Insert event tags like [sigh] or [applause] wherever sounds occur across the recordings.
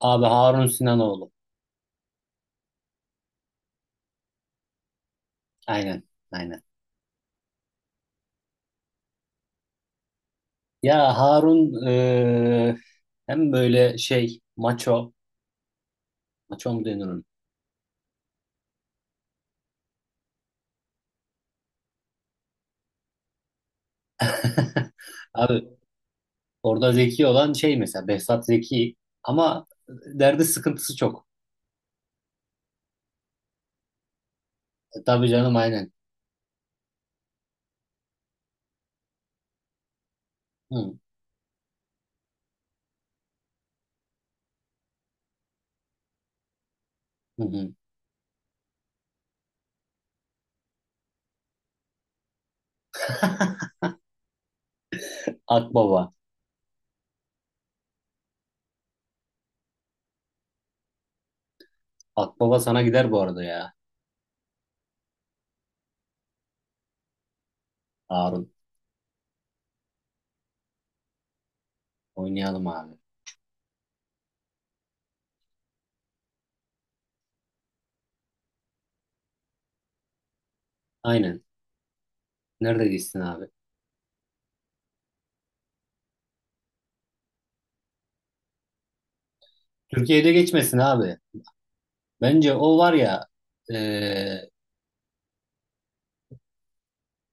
Abi Harun Sinanoğlu. Aynen, aynen. Ya Harun hem böyle şey maço, maço mu denir ona? [laughs] Abi orada zeki olan şey mesela Behzat zeki ama derdi sıkıntısı çok. E, tabii canım aynen. Hı, hı, hı. [laughs] Akbaba. Akbaba sana gider bu arada ya Harun. Oynayalım abi. Aynen. Nerede gitsin abi? Türkiye'de geçmesin abi. Bence o var ya eee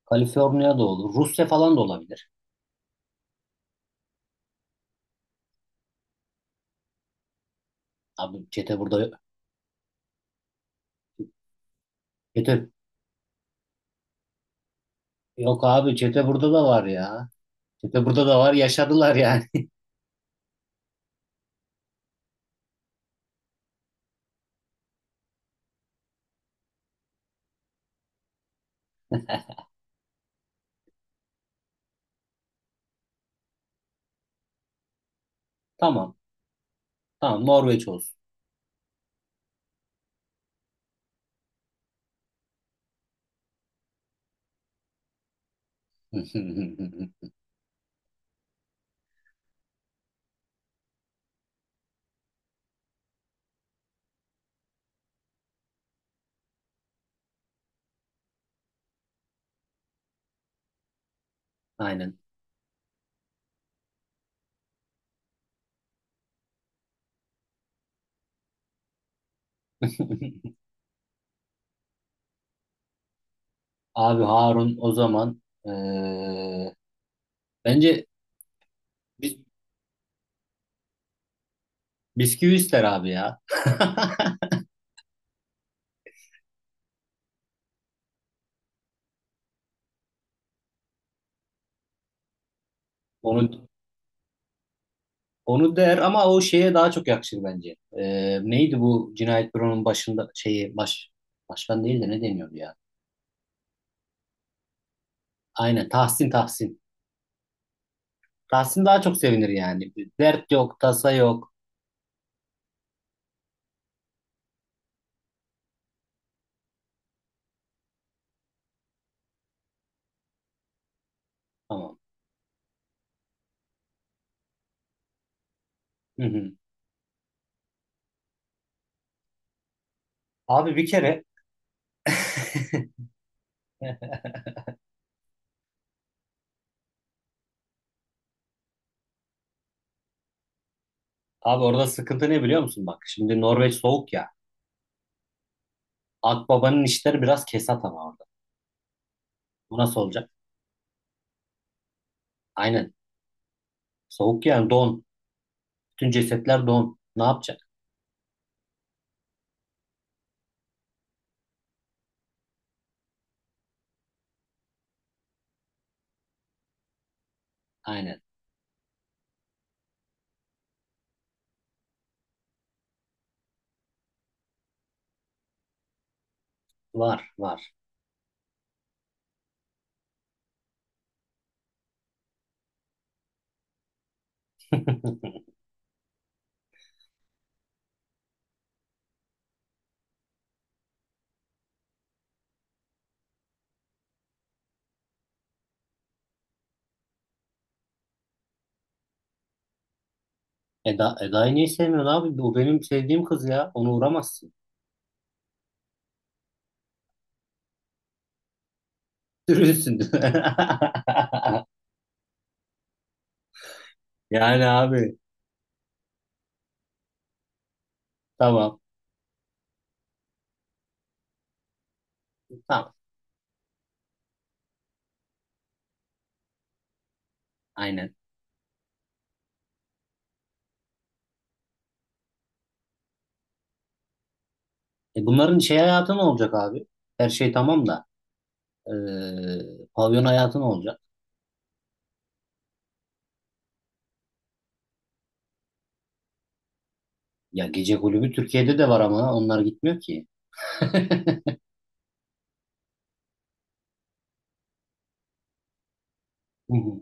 Kaliforniya da olur. Rusya falan da olabilir. Abi çete burada çete yok abi, çete burada da var ya. Çete burada da var, yaşadılar yani. [laughs] Tamam. Tamam Norveç olsun. [laughs] Aynen. [laughs] Abi Harun o zaman bence bis bisküvi ister abi ya. Onu onu der ama o şeye daha çok yakışır bence. Neydi bu Cinayet Büro'nun başında şeyi başkan değil de ne deniyordu ya? Aynen Tahsin, Tahsin. Tahsin daha çok sevinir yani. Dert yok, tasa yok. Tamam. Hı hı. Abi bir kere [laughs] abi orada sıkıntı ne biliyor musun? Bak şimdi Norveç soğuk ya. Akbabanın işleri biraz kesat ama orada. Bu nasıl olacak? Aynen. Soğuk yani don. Bütün cesetler don. Ne yapacak? Aynen. Var var. [laughs] Eda, Eda'yı niye sevmiyorsun abi? Bu benim sevdiğim kız ya. Onu uğramazsın. Sürünsün. [laughs] Yani abi. Tamam. Tamam. Aynen. E bunların şey hayatı ne olacak abi? Her şey tamam da e, pavyon hayatı ne olacak? Ya gece kulübü Türkiye'de de var ama onlar gitmiyor ki. [laughs] Hı hı.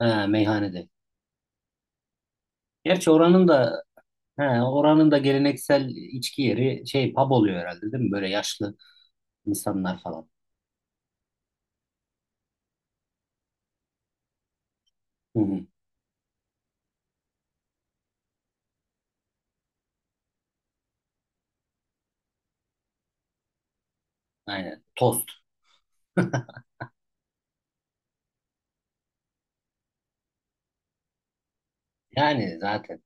Ha, meyhanede. Gerçi oranın da he, oranın da geleneksel içki yeri şey pub oluyor herhalde değil mi? Böyle yaşlı insanlar falan. Hı hı. Aynen. Tost. Yani zaten.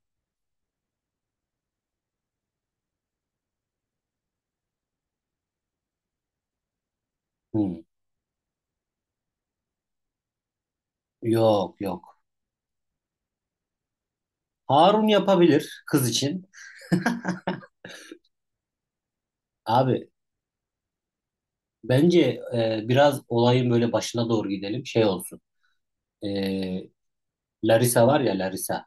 Hı. Yok yok. Harun yapabilir kız için. Abi bence e, biraz olayın böyle başına doğru gidelim. Şey olsun. E, Larisa var ya Larisa.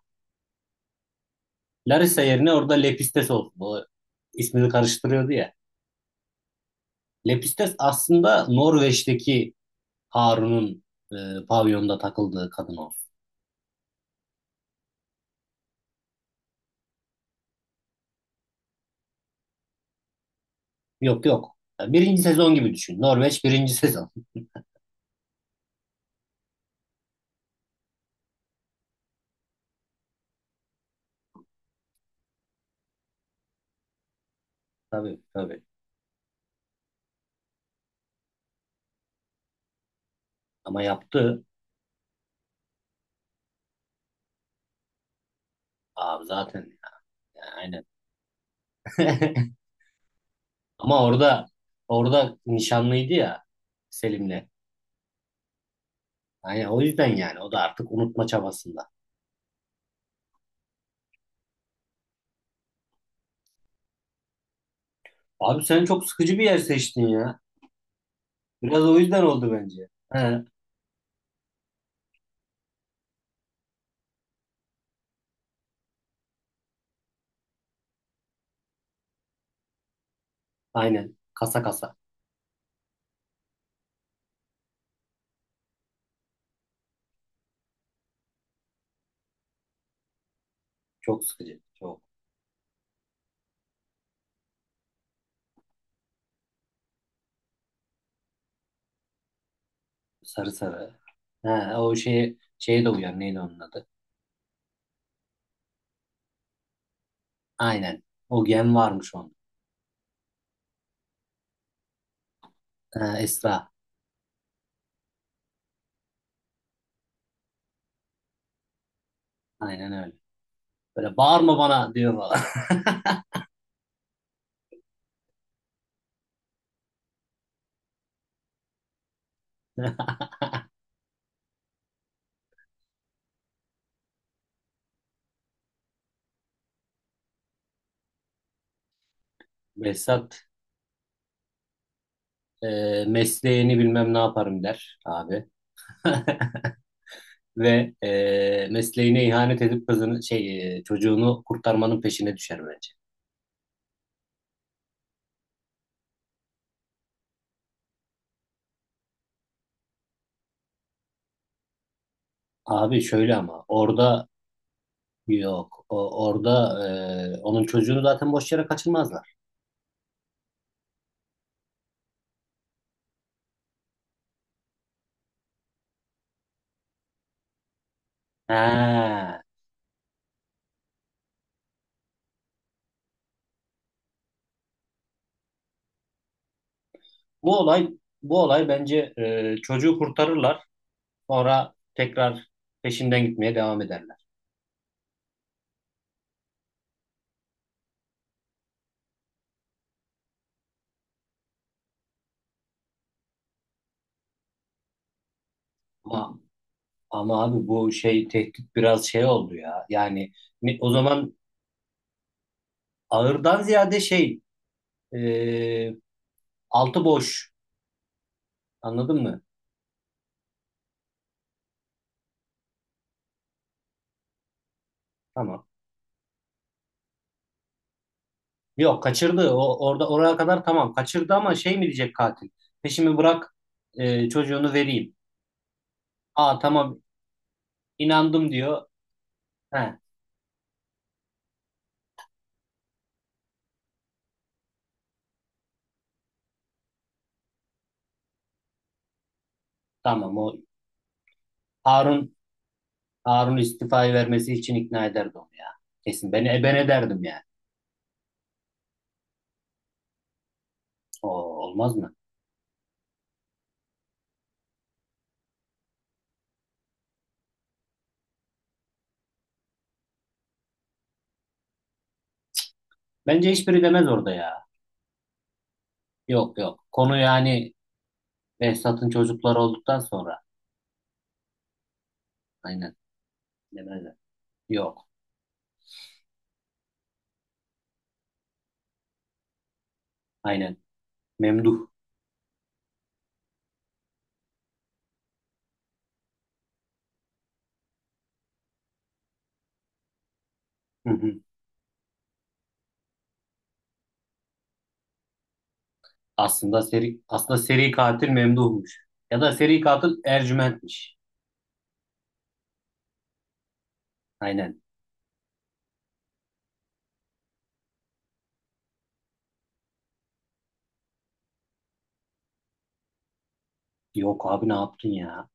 Larisa yerine orada Lepistes oldu. O ismini karıştırıyordu ya. Lepistes aslında Norveç'teki Harun'un e, pavyonda takıldığı kadın olsun. Yok yok. Ya birinci sezon gibi düşün. Norveç birinci sezon. [laughs] Tabii tabii. Ama yaptı. Abi zaten ya. Ya, aynen. [laughs] Ama orada orada nişanlıydı ya Selim'le. Yani o yüzden yani o da artık unutma çabasında. Abi sen çok sıkıcı bir yer seçtin ya. Biraz o yüzden oldu bence. He. Aynen. Kasa kasa. Çok sıkıcı. Çok. Sarı sarı. Ha, o şeye, şeye de uyar. Neydi onun adı? Aynen. O gen varmış onun. Ha, Esra. Aynen öyle. Böyle bağırma bana diyor falan. [laughs] Behzat e, mesleğini bilmem ne yaparım der abi. [laughs] Ve e, mesleğine ihanet edip kızını şey e, çocuğunu kurtarmanın peşine düşer bence. Abi şöyle ama orada yok. O, orada e, onun çocuğunu zaten boş yere kaçırmazlar. He, Bu olay bu olay bence e, çocuğu kurtarırlar. Sonra tekrar peşinden gitmeye devam ederler. Ama ama abi bu şey tehdit biraz şey oldu ya. Yani ne- o zaman ağırdan ziyade şey e, altı boş. Anladın mı? Tamam. Yok kaçırdı. O orada oraya kadar tamam. Kaçırdı ama şey mi diyecek katil? Peşimi bırak e, çocuğunu vereyim. Aa tamam inandım diyor. He tamam o Harun Harun istifayı vermesi için ikna ederdi onu ya. Kesin beni e, ben ederdim yani. O olmaz mı? Bence hiçbiri demez orada ya. Yok yok. Konu yani Behzat'ın çocukları olduktan sonra. Aynen. Demezler. Yok. Aynen. Memduh. Hı hı. Aslında seri katil Memduh'muş. Ya da seri katil Ercüment'miş. Aynen. Yok abi ne yaptın ya?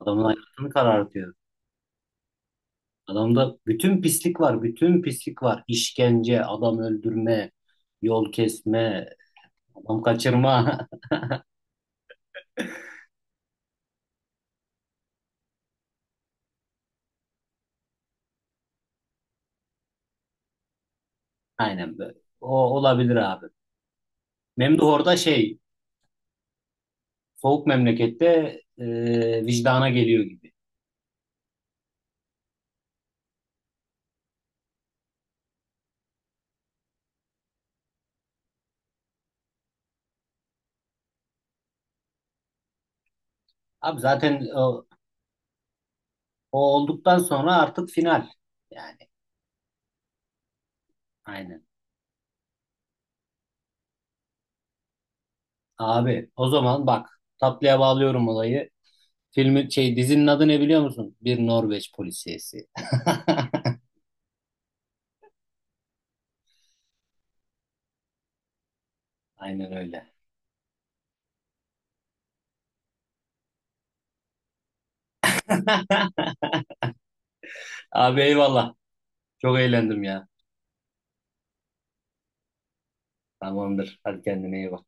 Adamın hayatını karartıyor. Adamda bütün pislik var, bütün pislik var. İşkence, adam öldürme, yol kesme, tam kaçırma. [laughs] Aynen böyle. O olabilir abi. Memduh orada şey soğuk memlekette e, vicdana geliyor gibi. Abi zaten o, o olduktan sonra artık final. Yani aynen. Abi o zaman bak, tatlıya bağlıyorum olayı. Filmin şey dizinin adı ne biliyor musun? Bir Norveç polisiyesi. [laughs] Aynen öyle. [laughs] Abi eyvallah. Çok eğlendim ya. Tamamdır. Hadi kendine iyi bak.